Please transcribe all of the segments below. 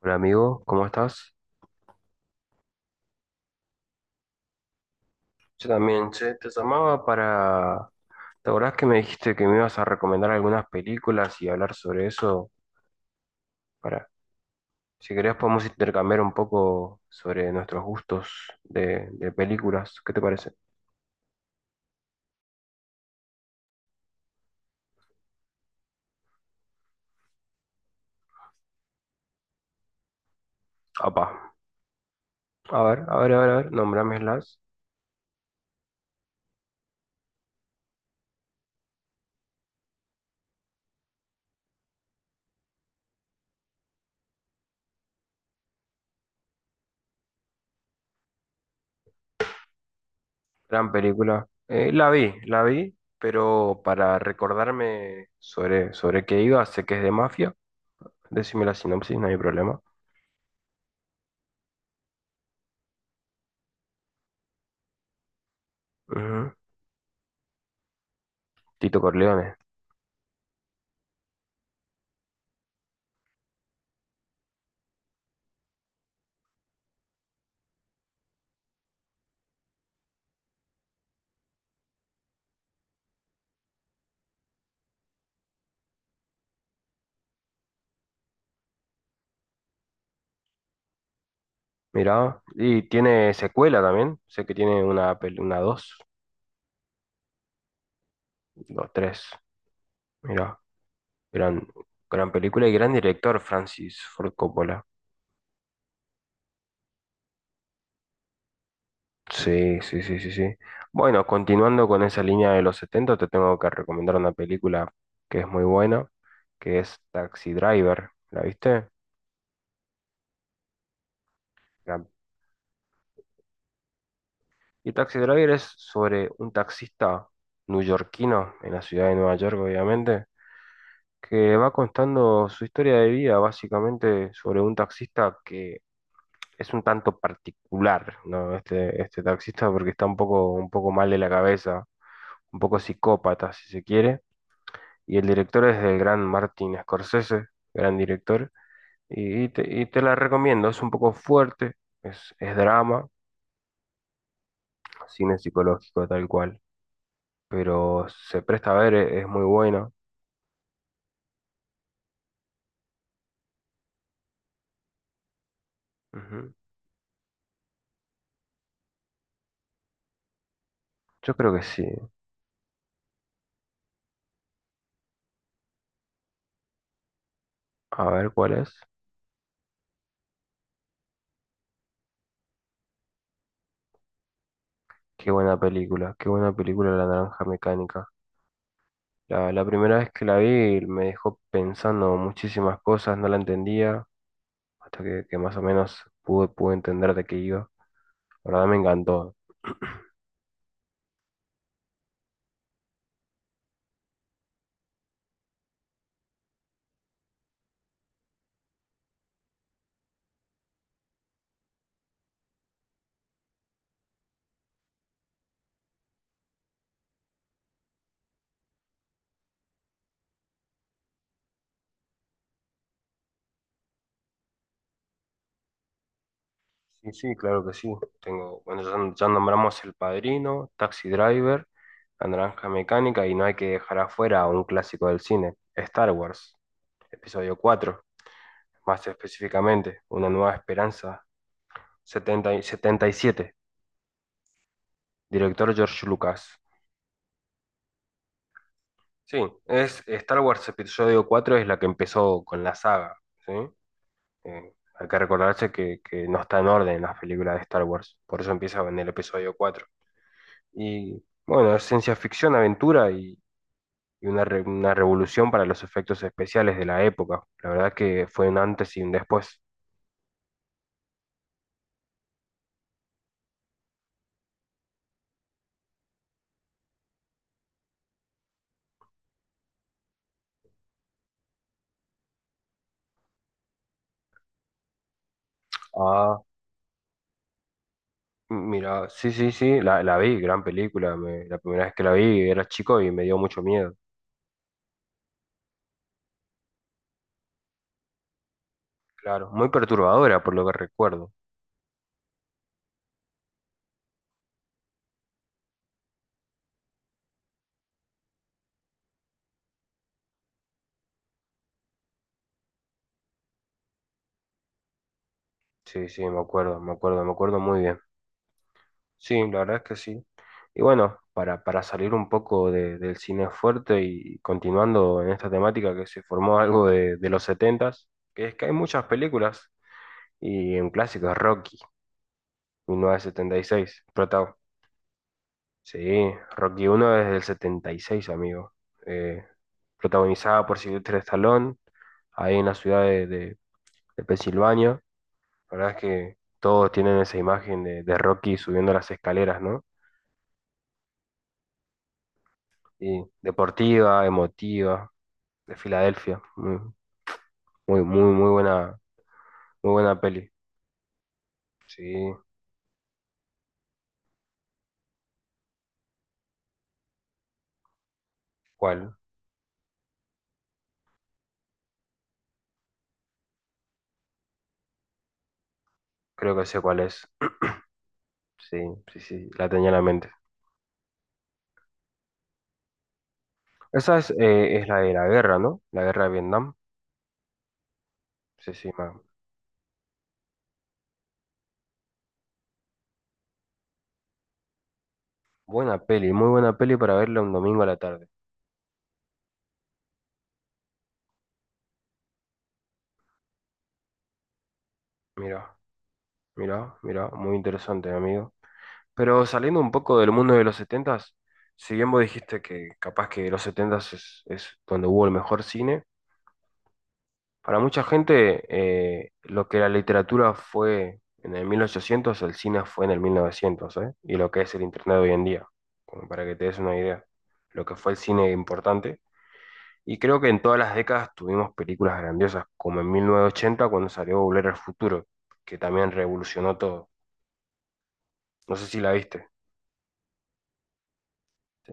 Hola amigo, ¿cómo estás? Yo también, che, te llamaba para... ¿Te acordás que me dijiste que me ibas a recomendar algunas películas y hablar sobre eso? Para, si querés podemos intercambiar un poco sobre nuestros gustos de películas. ¿Qué te parece? Apa. A ver, a ver, a ver, a ver, nómbramelas. Gran película. La vi, pero para recordarme sobre qué iba, sé que es de mafia. Decime la sinopsis, no hay problema. Ujú. Tito Corleone. Mirá, y tiene secuela también. Sé que tiene una, pel- una dos, dos, tres. Mirá, gran, gran película y gran director, Francis Ford Coppola. Sí, sí, sí, sí, sí. Bueno, continuando con esa línea de los 70, te tengo que recomendar una película que es muy buena, que es Taxi Driver. ¿La viste? La- Y Taxi Driver es sobre un taxista neoyorquino en la ciudad de Nueva York, obviamente, que va contando su historia de vida, básicamente sobre un taxista que es un tanto particular, ¿no? Este taxista porque está un poco mal de la cabeza, un poco psicópata, si se quiere. Y el director es del gran Martin Scorsese, gran director. Y te la recomiendo, es un poco fuerte, es drama, cine psicológico tal cual, pero se presta a ver, es muy buena. Ujú. Yo creo que sí. A ver cuál es. Qué buena película La Naranja Mecánica. La primera vez que la vi me dejó pensando muchísimas cosas, no la entendía, hasta que más o menos pude entender de qué iba. La verdad me encantó. Sí, sí, claro que sí. Tengo, bueno, ya nombramos El Padrino, Taxi Driver, La Naranja Mecánica, y no hay que dejar afuera a un clásico del cine, Star Wars, episodio 4 más específicamente, Una Nueva Esperanza, setenta y siete, director George Lucas. Sí, es Star Wars Episodio cuatro, es la que empezó con la saga, ¿sí? Hay que recordarse que no está en orden las películas de Star Wars, por eso empieza en el episodio 4. Y bueno, es ciencia ficción, aventura, y una revolución para los efectos especiales de la época. La verdad que fue un antes y un después. Ah, mira, sí, sí, sí, la vi, gran película. La primera vez que la vi era chico y me dio mucho miedo. Claro, muy perturbadora por lo que recuerdo. Sí, sí, me acuerdo muy bien. Sí, la verdad es que sí. Y bueno, para salir un poco del cine fuerte, y continuando en esta temática que se formó algo de los setentas, que es que hay muchas películas, y un clásico es Rocky, 1976, prota- Sí, Rocky 1 es del 76, amigo. Eh, Protagonizada por Sylvester Stallone, ahí en la ciudad de Pensilvania. La verdad es que todos tienen esa imagen de Rocky subiendo las escaleras, ¿no? Y deportiva, emotiva, de Filadelfia. Muy, muy, muy buena, muy buena peli. Sí, ¿cuál? Creo que sé cuál es. Sí, sí, sí, la tenía en la mente. Esa es la de la guerra, ¿no? La guerra de Vietnam. Sí, sí, ma. Buena peli, muy buena peli para verla un domingo a la tarde. Mira, mira, muy interesante, amigo. Pero saliendo un poco del mundo de los setentas, si bien vos dijiste que capaz que los setentas es donde hubo el mejor cine, para mucha gente, lo que la literatura fue en el 1800, el cine fue en el 1900, ¿eh? Y lo que es el Internet hoy en día, como para que te des una idea, lo que fue el cine importante. Y creo que en todas las décadas tuvimos películas grandiosas, como en 1980 cuando salió Volver al Futuro, que también revolucionó todo. No sé si la viste. Sí.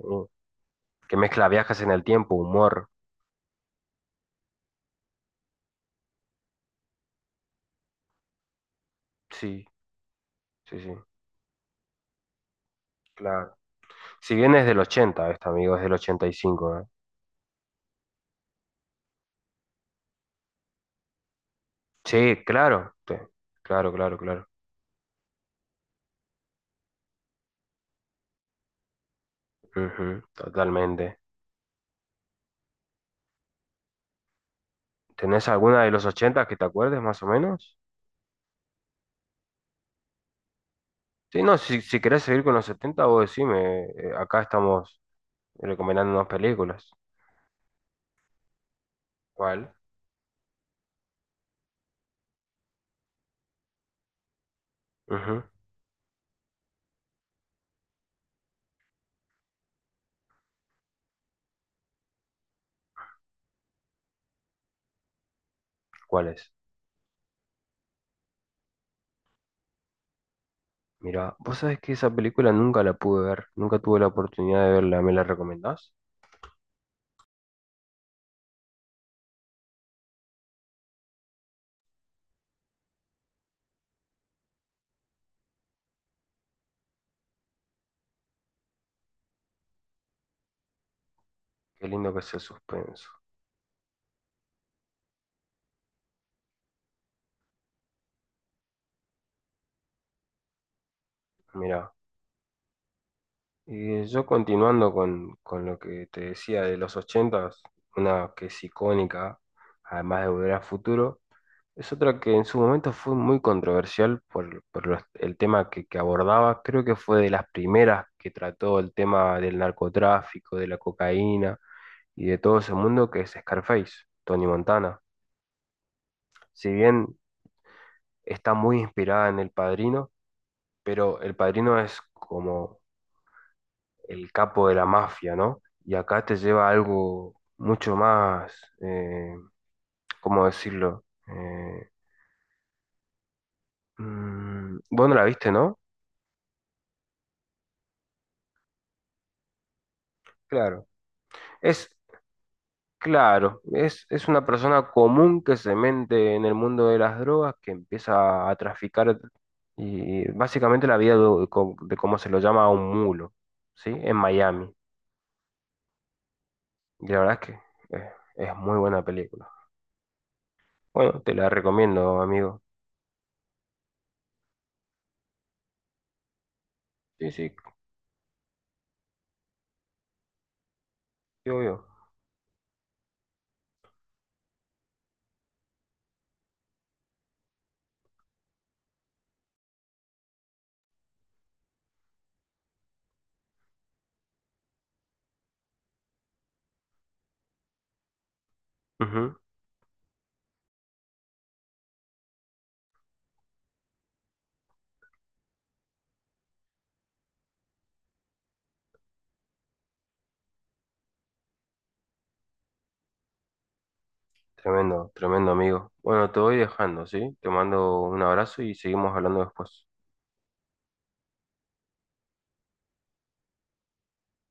Que mezcla viajes en el tiempo, humor. Sí, sí, sí, claro. Si bien es del 80, esta, amigo, es del 85. Sí, claro, claro, claro, claro. Ujú, totalmente. ¿Tenés alguna de los 80 que te acuerdes más o menos? Sí, no, si, si querés seguir con los 70, vos decime, acá estamos recomendando unas películas. ¿Cuál? Ujú, ¿cuál es? Mira, vos sabés que esa película nunca la pude ver, nunca tuve la oportunidad de verla, ¿me la recomendás? Qué lindo que es el suspenso. Mira, y yo continuando con lo que te decía de los 80, una que es icónica, además de Volver al Futuro. Es otra que en su momento fue muy controversial por el tema que abordaba. Creo que fue de las primeras que trató el tema del narcotráfico, de la cocaína y de todo ese mundo que es Scarface, Tony Montana. Si bien está muy inspirada en El Padrino, pero El Padrino es como el capo de la mafia, ¿no? Y acá te lleva a algo mucho más, eh, ¿cómo decirlo? Vos no la viste, ¿no? Claro. Es Claro, es una persona común que se mete en el mundo de las drogas, que empieza a traficar, y básicamente la vida de, de cómo se lo llama a un mulo, ¿sí? En Miami. Y la verdad es que eh, muy buena película. Bueno, te la recomiendo, amigo. Sí, sí, sí, obvio. Ujú, tremendo, tremendo, amigo. Bueno, te voy dejando, ¿sí? Te mando un abrazo y seguimos hablando después.